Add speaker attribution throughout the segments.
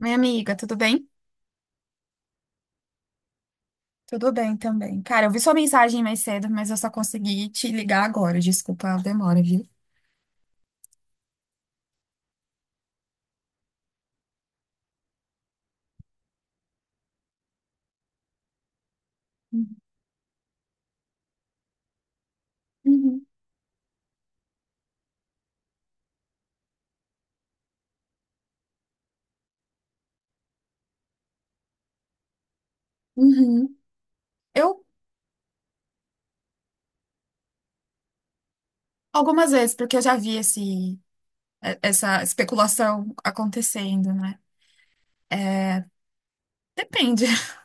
Speaker 1: Minha amiga, tudo bem? Tudo bem também. Cara, eu vi sua mensagem mais cedo, mas eu só consegui te ligar agora. Desculpa a demora, viu? Uhum. Uhum. Eu, algumas vezes, porque eu já vi essa especulação acontecendo, né? É, depende.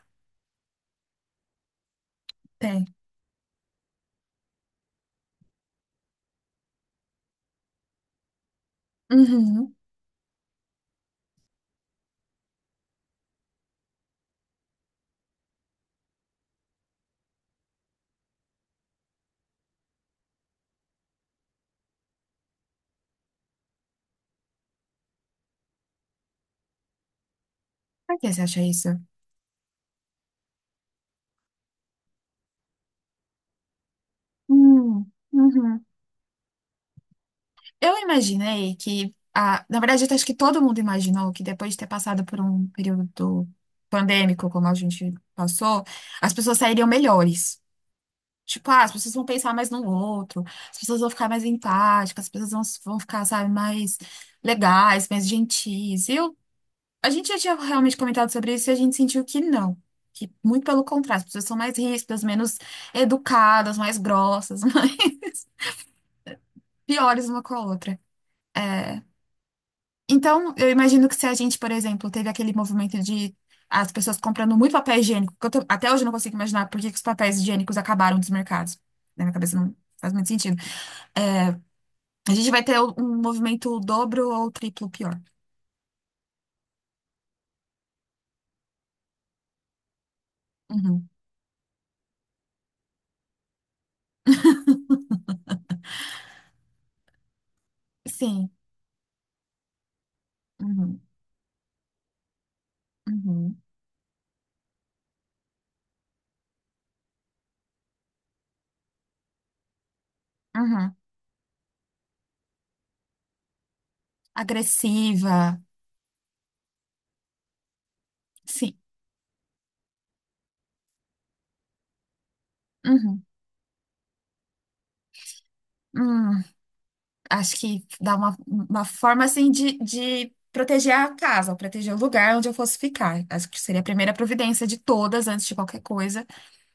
Speaker 1: Tem. Uhum. Por que você acha isso? Uhum. Eu imaginei que, ah, na verdade, acho que todo mundo imaginou que depois de ter passado por um período pandêmico, como a gente passou, as pessoas sairiam melhores. Tipo, ah, as pessoas vão pensar mais no outro, as pessoas vão ficar mais empáticas, as pessoas vão ficar, sabe, mais legais, mais gentis. Eu, a gente já tinha realmente comentado sobre isso e a gente sentiu que não. Que muito pelo contrário, as pessoas são mais ríspidas, menos educadas, mais grossas, mais piores uma com a outra. Então, eu imagino que se a gente, por exemplo, teve aquele movimento de as pessoas comprando muito papel higiênico, que eu até hoje eu não consigo imaginar por que que os papéis higiênicos acabaram dos mercados. Na minha cabeça não faz muito sentido. A gente vai ter um movimento dobro ou triplo pior. Uhum. Sim. Uhum. Uhum. Uhum. Agressiva. Sim. Uhum. Hum. Acho que dá uma forma assim de proteger a casa, ou proteger o lugar onde eu fosse ficar. Acho que seria a primeira providência de todas, antes de qualquer coisa,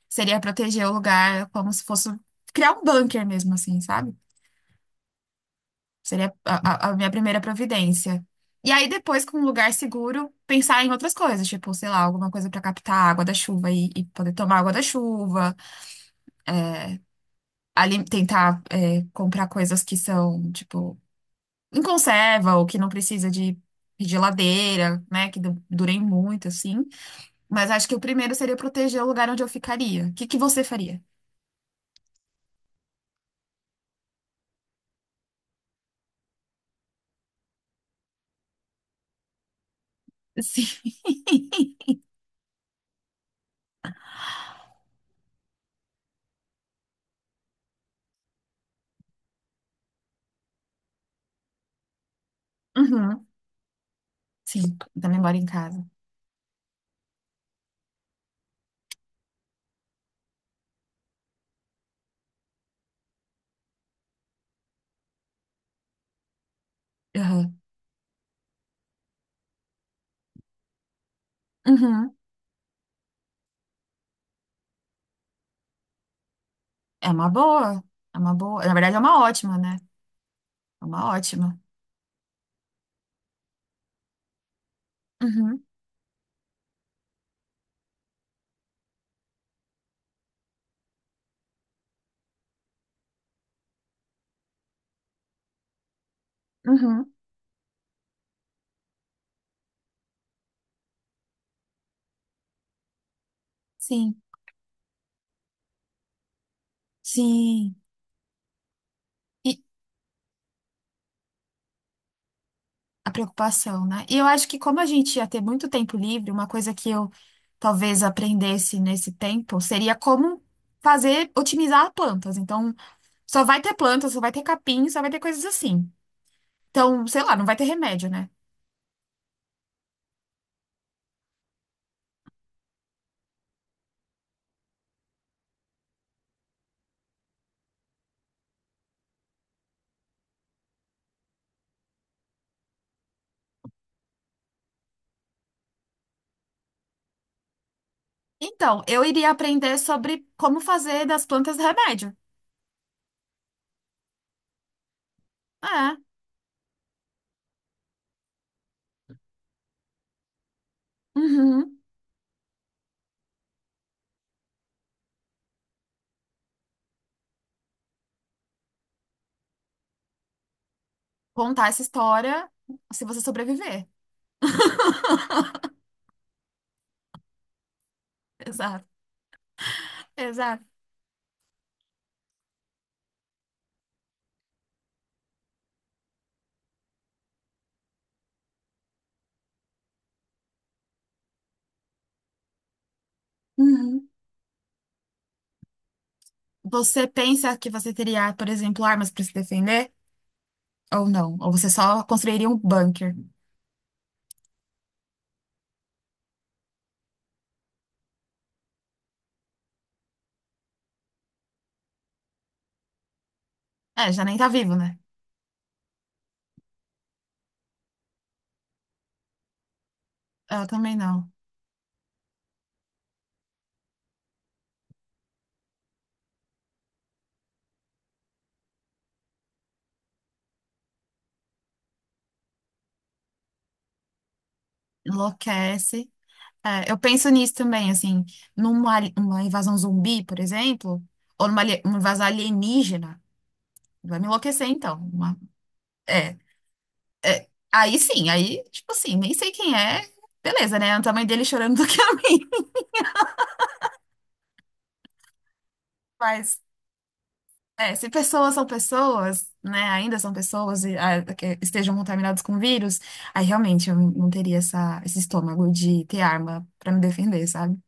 Speaker 1: seria proteger o lugar como se fosse criar um bunker mesmo, assim, sabe? Seria a minha primeira providência. E aí, depois, com um lugar seguro, pensar em outras coisas, tipo, sei lá, alguma coisa para captar a água da chuva e poder tomar água da chuva, ali tentar comprar coisas que são, tipo, em conserva ou que não precisa de geladeira, né, que durem muito, assim. Mas acho que o primeiro seria proteger o lugar onde eu ficaria. O que que você faria? Sim. Uhum. Sim, também moro em casa. Uhum. Uhum. É uma boa. É uma boa. Na verdade, é uma ótima, né? É uma ótima. Uhum, uhum, sim, sim. E a preocupação, né? E eu acho que como a gente ia ter muito tempo livre, uma coisa que eu talvez aprendesse nesse tempo seria como fazer, otimizar plantas. Então, só vai ter plantas, só vai ter capim, só vai ter coisas assim. Então, sei lá, não vai ter remédio, né? Então, eu iria aprender sobre como fazer das plantas remédio. É, uhum. Contar essa história se você sobreviver. Exato, exato. Uhum. Você pensa que você teria, por exemplo, armas para se defender? Ou não? Ou você só construiria um bunker? É, já nem tá vivo, né? É, eu também não. Enlouquece. É, eu penso nisso também, assim, numa uma invasão zumbi, por exemplo, ou numa uma invasão alienígena. Vai me enlouquecer, então. Uma- é, é. Aí sim, aí, tipo assim, nem sei quem é. Beleza, né? É o tamanho dele chorando do que a mim. Mas é, se pessoas são pessoas, né, ainda são pessoas e ah, que estejam contaminadas com vírus, aí realmente eu não teria esse estômago de ter arma pra me defender, sabe?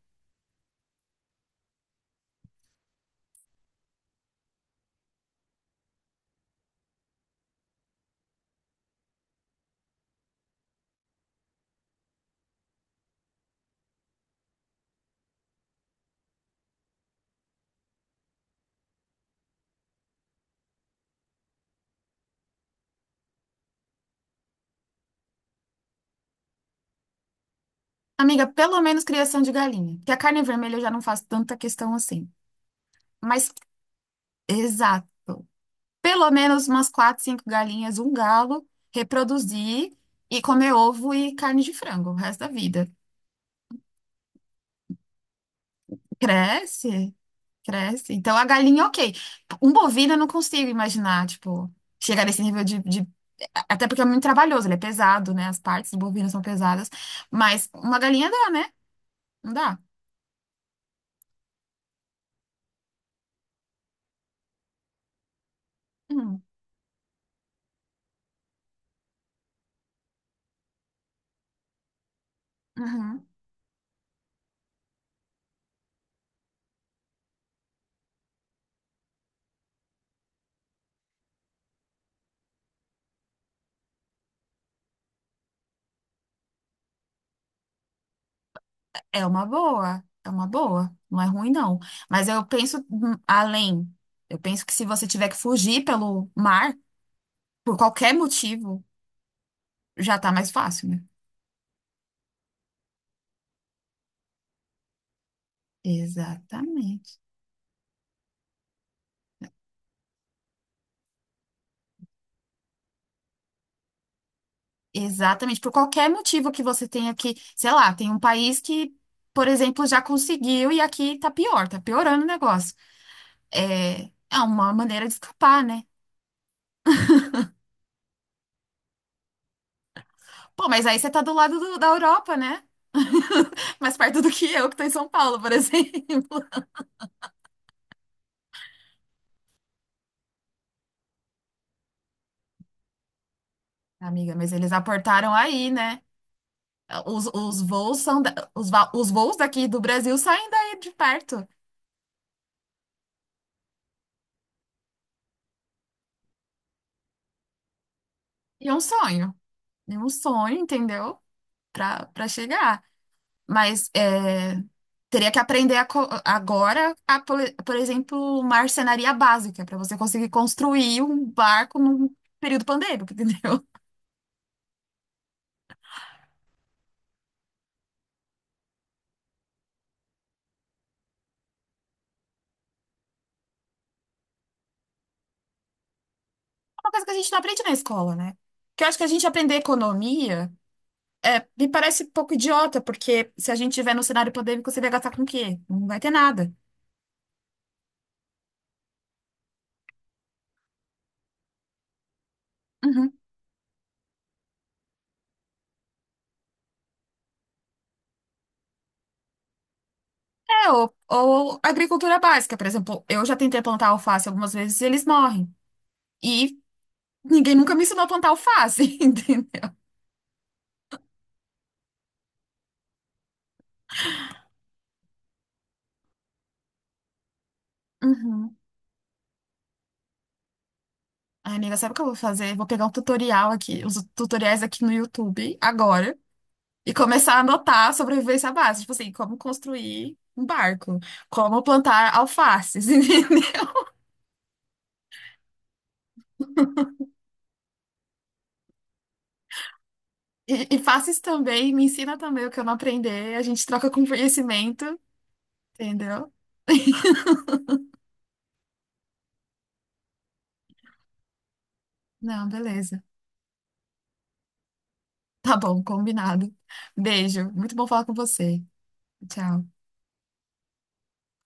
Speaker 1: Amiga, pelo menos criação de galinha, que a carne vermelha eu já não faço tanta questão assim. Mas, exato, pelo menos umas quatro, cinco galinhas, um galo, reproduzir e comer ovo e carne de frango o resto da vida. Cresce. Cresce. Então a galinha, ok. Um bovino eu não consigo imaginar, tipo, chegar nesse nível de. Até porque é muito trabalhoso, ele é pesado, né? As partes do bovino são pesadas. Mas uma galinha dá, né? Não dá? Hum, uhum. É uma boa, é uma boa. Não é ruim, não. Mas eu penso além. Eu penso que se você tiver que fugir pelo mar, por qualquer motivo, já tá mais fácil, né? Exatamente. Exatamente, por qualquer motivo que você tenha que, sei lá, tem um país que, por exemplo, já conseguiu e aqui tá pior, tá piorando o negócio. É, é uma maneira de escapar, né? Pô, mas aí você tá da Europa, né? Mais perto do que eu, que tô em São Paulo, por exemplo. Amiga, mas eles aportaram aí, né? Os voos são da- os, va- os voos daqui do Brasil saem daí de perto. E é um sonho. É um sonho, entendeu? Pra, pra chegar. Mas é, teria que aprender agora, por exemplo, marcenaria básica, para você conseguir construir um barco num período pandêmico, entendeu? É uma coisa que a gente não aprende na escola, né? Que eu acho que a gente aprender economia me parece um pouco idiota, porque se a gente tiver no cenário pandêmico, você vai gastar com o quê? Não vai ter nada. Uhum. É, ou agricultura básica, por exemplo, eu já tentei plantar alface algumas vezes e eles morrem. E ninguém nunca me ensinou a plantar alface, entendeu? Uhum. Ai, amiga, sabe o que eu vou fazer? Vou pegar um tutorial aqui, os tutoriais aqui no YouTube agora e começar a anotar sobrevivência básica, tipo assim, como construir um barco, como plantar alfaces, entendeu? E faces também, me ensina também o que eu não aprender, a gente troca com conhecimento, entendeu? Não, beleza. Tá bom, combinado. Beijo, muito bom falar com você. Tchau.